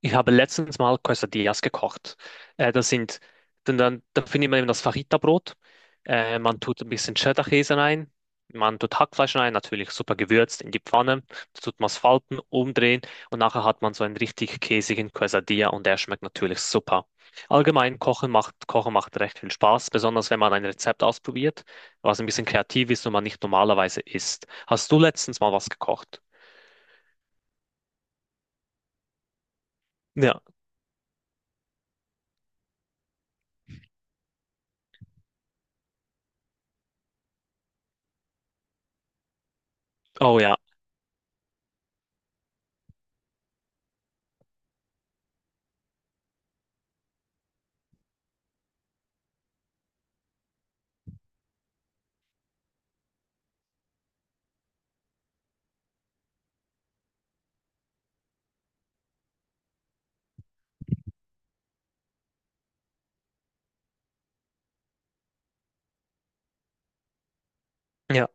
Ich habe letztens mal Quesadillas gekocht. Das sind, dann, dann, dann findet man eben das Fajita-Brot. Man tut ein bisschen Cheddar-Käse rein. Man tut Hackfleisch rein, natürlich super gewürzt in die Pfanne. Da tut man es falten, umdrehen und nachher hat man so einen richtig käsigen Quesadilla und der schmeckt natürlich super. Allgemein, Kochen macht recht viel Spaß, besonders wenn man ein Rezept ausprobiert, was ein bisschen kreativ ist und man nicht normalerweise isst. Hast du letztens mal was gekocht? Ja, oh ja. Ja.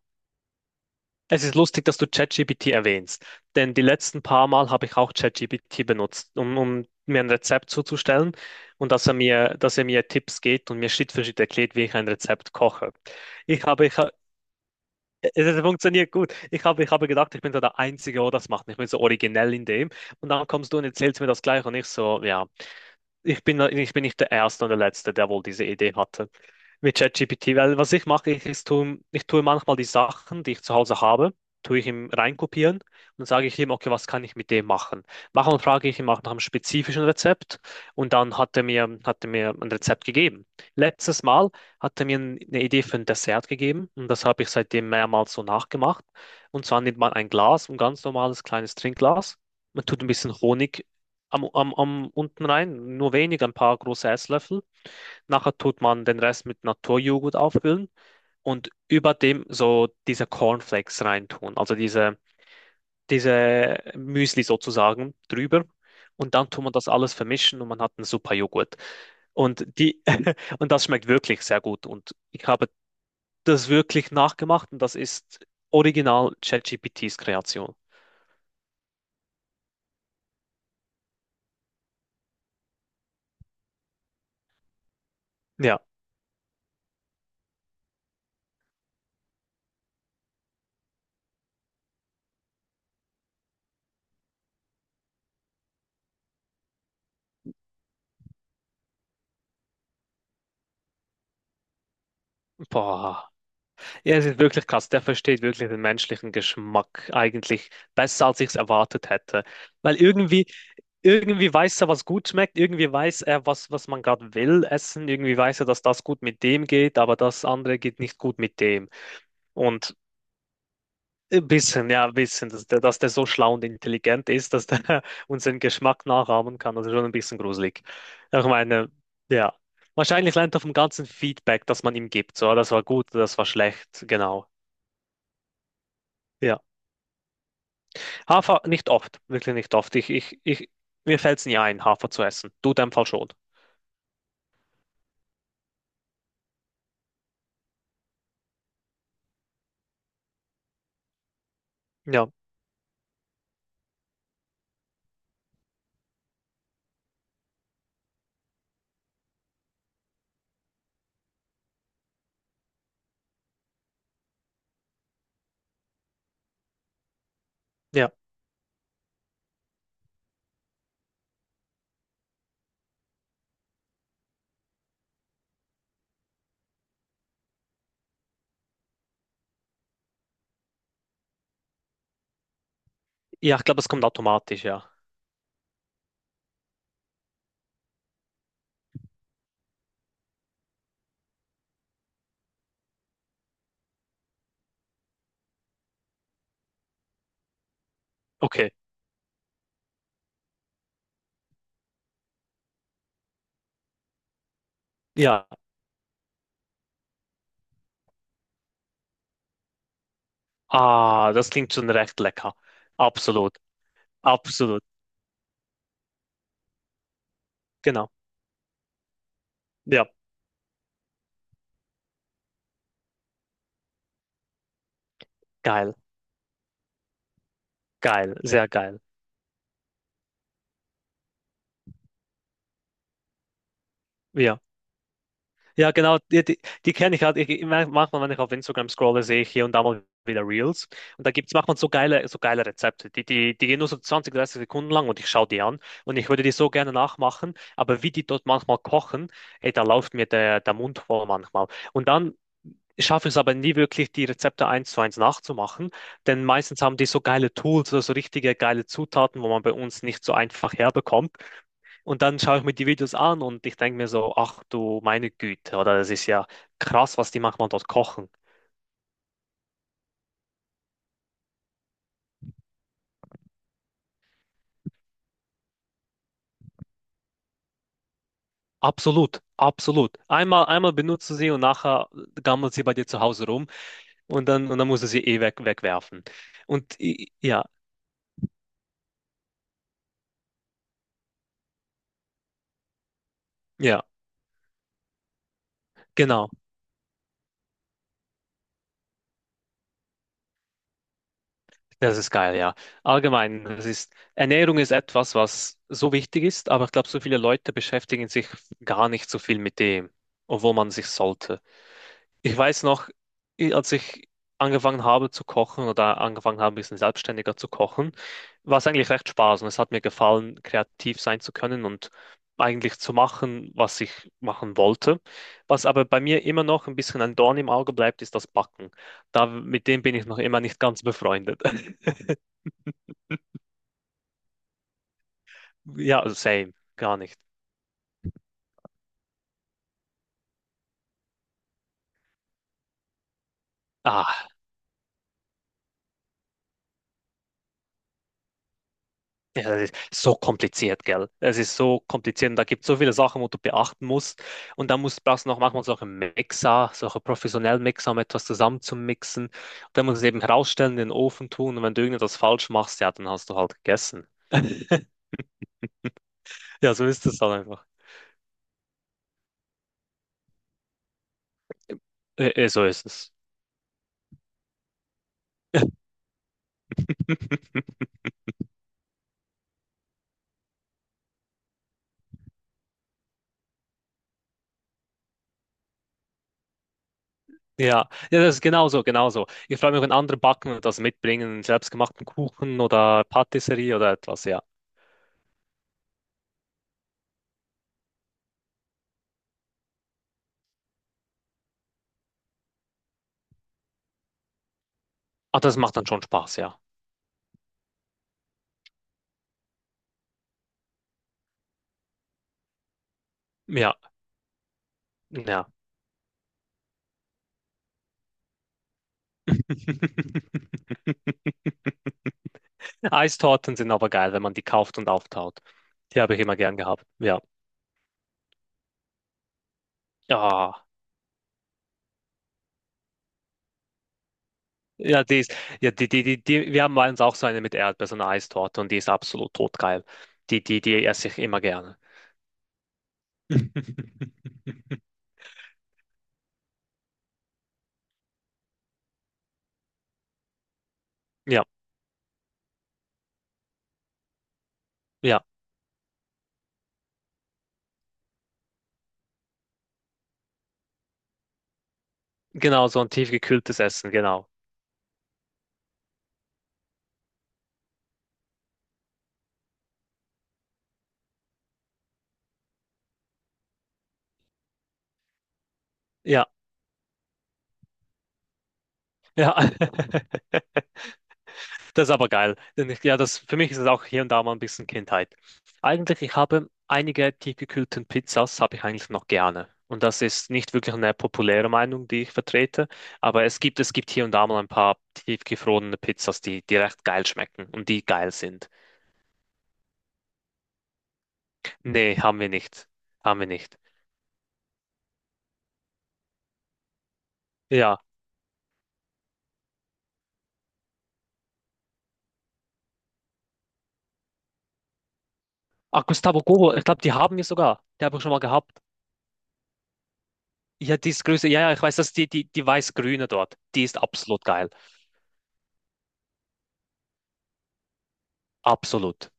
Es ist lustig, dass du ChatGPT erwähnst, denn die letzten paar Mal habe ich auch ChatGPT benutzt, um mir ein Rezept zuzustellen und dass er mir Tipps gibt und mir Schritt für Schritt erklärt, wie ich ein Rezept koche. Ich habe, ich habe, es funktioniert gut. Ich habe gedacht, ich bin so der Einzige, der das macht. Ich bin so originell in dem. Und dann kommst du und erzählst mir das gleich und ich so, ja ich bin nicht der Erste und der Letzte, der wohl diese Idee hatte mit ChatGPT, weil was ich mache, ich, ist, ich tue manchmal die Sachen, die ich zu Hause habe, tue ich ihm reinkopieren und dann sage ich ihm, okay, was kann ich mit dem machen? Manchmal frage ich ihm auch nach einem spezifischen Rezept und dann hat er mir ein Rezept gegeben. Letztes Mal hat er mir eine Idee für ein Dessert gegeben und das habe ich seitdem mehrmals so nachgemacht. Und zwar nimmt man ein Glas, ein ganz normales kleines Trinkglas. Man tut ein bisschen Honig am unten rein, nur wenig, ein paar große Esslöffel. Nachher tut man den Rest mit Naturjoghurt auffüllen und über dem so diese Cornflakes reintun, diese Müsli sozusagen drüber. Und dann tut man das alles vermischen und man hat einen super Joghurt. Und die, und das schmeckt wirklich sehr gut. Und ich habe das wirklich nachgemacht und das ist original ChatGPTs Kreation. Ja, boah. Ja, es ist wirklich krass. Der versteht wirklich den menschlichen Geschmack eigentlich besser, als ich es erwartet hätte. Weil irgendwie, irgendwie weiß er, was gut schmeckt, irgendwie weiß er, was man gerade will essen, irgendwie weiß er, dass das gut mit dem geht, aber das andere geht nicht gut mit dem. Und ein bisschen, ja, ein bisschen, dass der so schlau und intelligent ist, dass der unseren Geschmack nachahmen kann, das ist schon ein bisschen gruselig. Ich meine, ja. Wahrscheinlich lernt er vom ganzen Feedback, das man ihm gibt. So, das war gut, das war schlecht, genau. Ja. Hafer nicht oft, wirklich nicht oft. Mir fällt es nie ein, Hafer zu essen. Du in deinem Fall schon. Ja, ja. Ja, ich glaube, das kommt automatisch, ja. Okay. Ja. Ah, das klingt schon recht lecker. Absolut. Absolut. Genau. Ja. Geil. Geil. Sehr geil. Ja. Ja, genau, die kenne ich halt. Ich- manchmal, wenn ich auf Instagram scrolle, sehe ich hier und da mal wieder Reels. Und da gibt's, es manchmal so geile Rezepte. Die gehen nur so 20, 30 Sekunden lang und ich schaue die an. Und ich würde die so gerne nachmachen. Aber wie die dort manchmal kochen, ey, da läuft mir der Mund voll manchmal. Und dann schaffe ich es aber nie wirklich, die Rezepte eins zu eins nachzumachen. Denn meistens haben die so geile Tools oder so richtige geile Zutaten, wo man bei uns nicht so einfach herbekommt. Und dann schaue ich mir die Videos an und ich denke mir so, ach du meine Güte, oder das ist ja krass, was die manchmal dort kochen. Absolut, absolut. Einmal, einmal benutzt du sie und nachher gammelt sie bei dir zu Hause rum und und dann musst du sie eh wegwerfen. Ja, ja, genau. Das ist geil, ja. Allgemein, Ernährung ist etwas, was so wichtig ist, aber ich glaube, so viele Leute beschäftigen sich gar nicht so viel mit dem, obwohl man sich sollte. Ich weiß noch, als ich angefangen habe zu kochen oder angefangen habe, ein bisschen selbstständiger zu kochen, war es eigentlich recht Spaß und es hat mir gefallen, kreativ sein zu können und eigentlich zu machen, was ich machen wollte. Was aber bei mir immer noch ein bisschen ein Dorn im Auge bleibt, ist das Backen. Da, mit dem bin ich noch immer nicht ganz befreundet. Ja, same, gar nicht. Ah. Ja, das ist so kompliziert, gell? Es ist so kompliziert und da gibt es so viele Sachen, wo du beachten musst. Und brauchst du noch manchmal solche Mixer, solche professionellen Mixer, um etwas zusammenzumixen. Und dann musst du es eben herausstellen, in den Ofen tun. Und wenn du irgendetwas falsch machst, ja, dann hast du halt gegessen. Ja, so ist es halt einfach. So ist es. Ja, ja, das ist genauso, genauso. Ich freue mich, wenn andere backen und das mitbringen, einen selbstgemachten Kuchen oder Patisserie oder etwas, ja. Ah, das macht dann schon Spaß, ja. Ja, ja. Eistorten sind aber geil, wenn man die kauft und auftaut. Die habe ich immer gern gehabt. Ja. Ja. Ja, die ist, ja, die, die, die, die, wir haben bei uns auch so eine mit Erdbeer, so eine Eistorte und die ist absolut totgeil. Die esse ich immer gerne. Ja, ja, genau, so ein tiefgekühltes Essen, genau. Ja, ja. Das ist aber geil. Denn ich, ja, das, für mich ist es auch hier und da mal ein bisschen Kindheit. Eigentlich, ich habe einige tiefgekühlten Pizzas, habe ich eigentlich noch gerne. Und das ist nicht wirklich eine populäre Meinung, die ich vertrete, aber es gibt hier und da mal ein paar tiefgefrorene Pizzas, die recht geil schmecken und die geil sind. Nee, haben wir nicht. Haben wir nicht. Ja. Ach, Gustavo Gobo, ich glaube, die haben wir sogar. Die habe ich schon mal gehabt. Ja, die ist größer. Ja, ja, ich weiß, dass die weiß-grüne dort, die ist absolut geil. Absolut.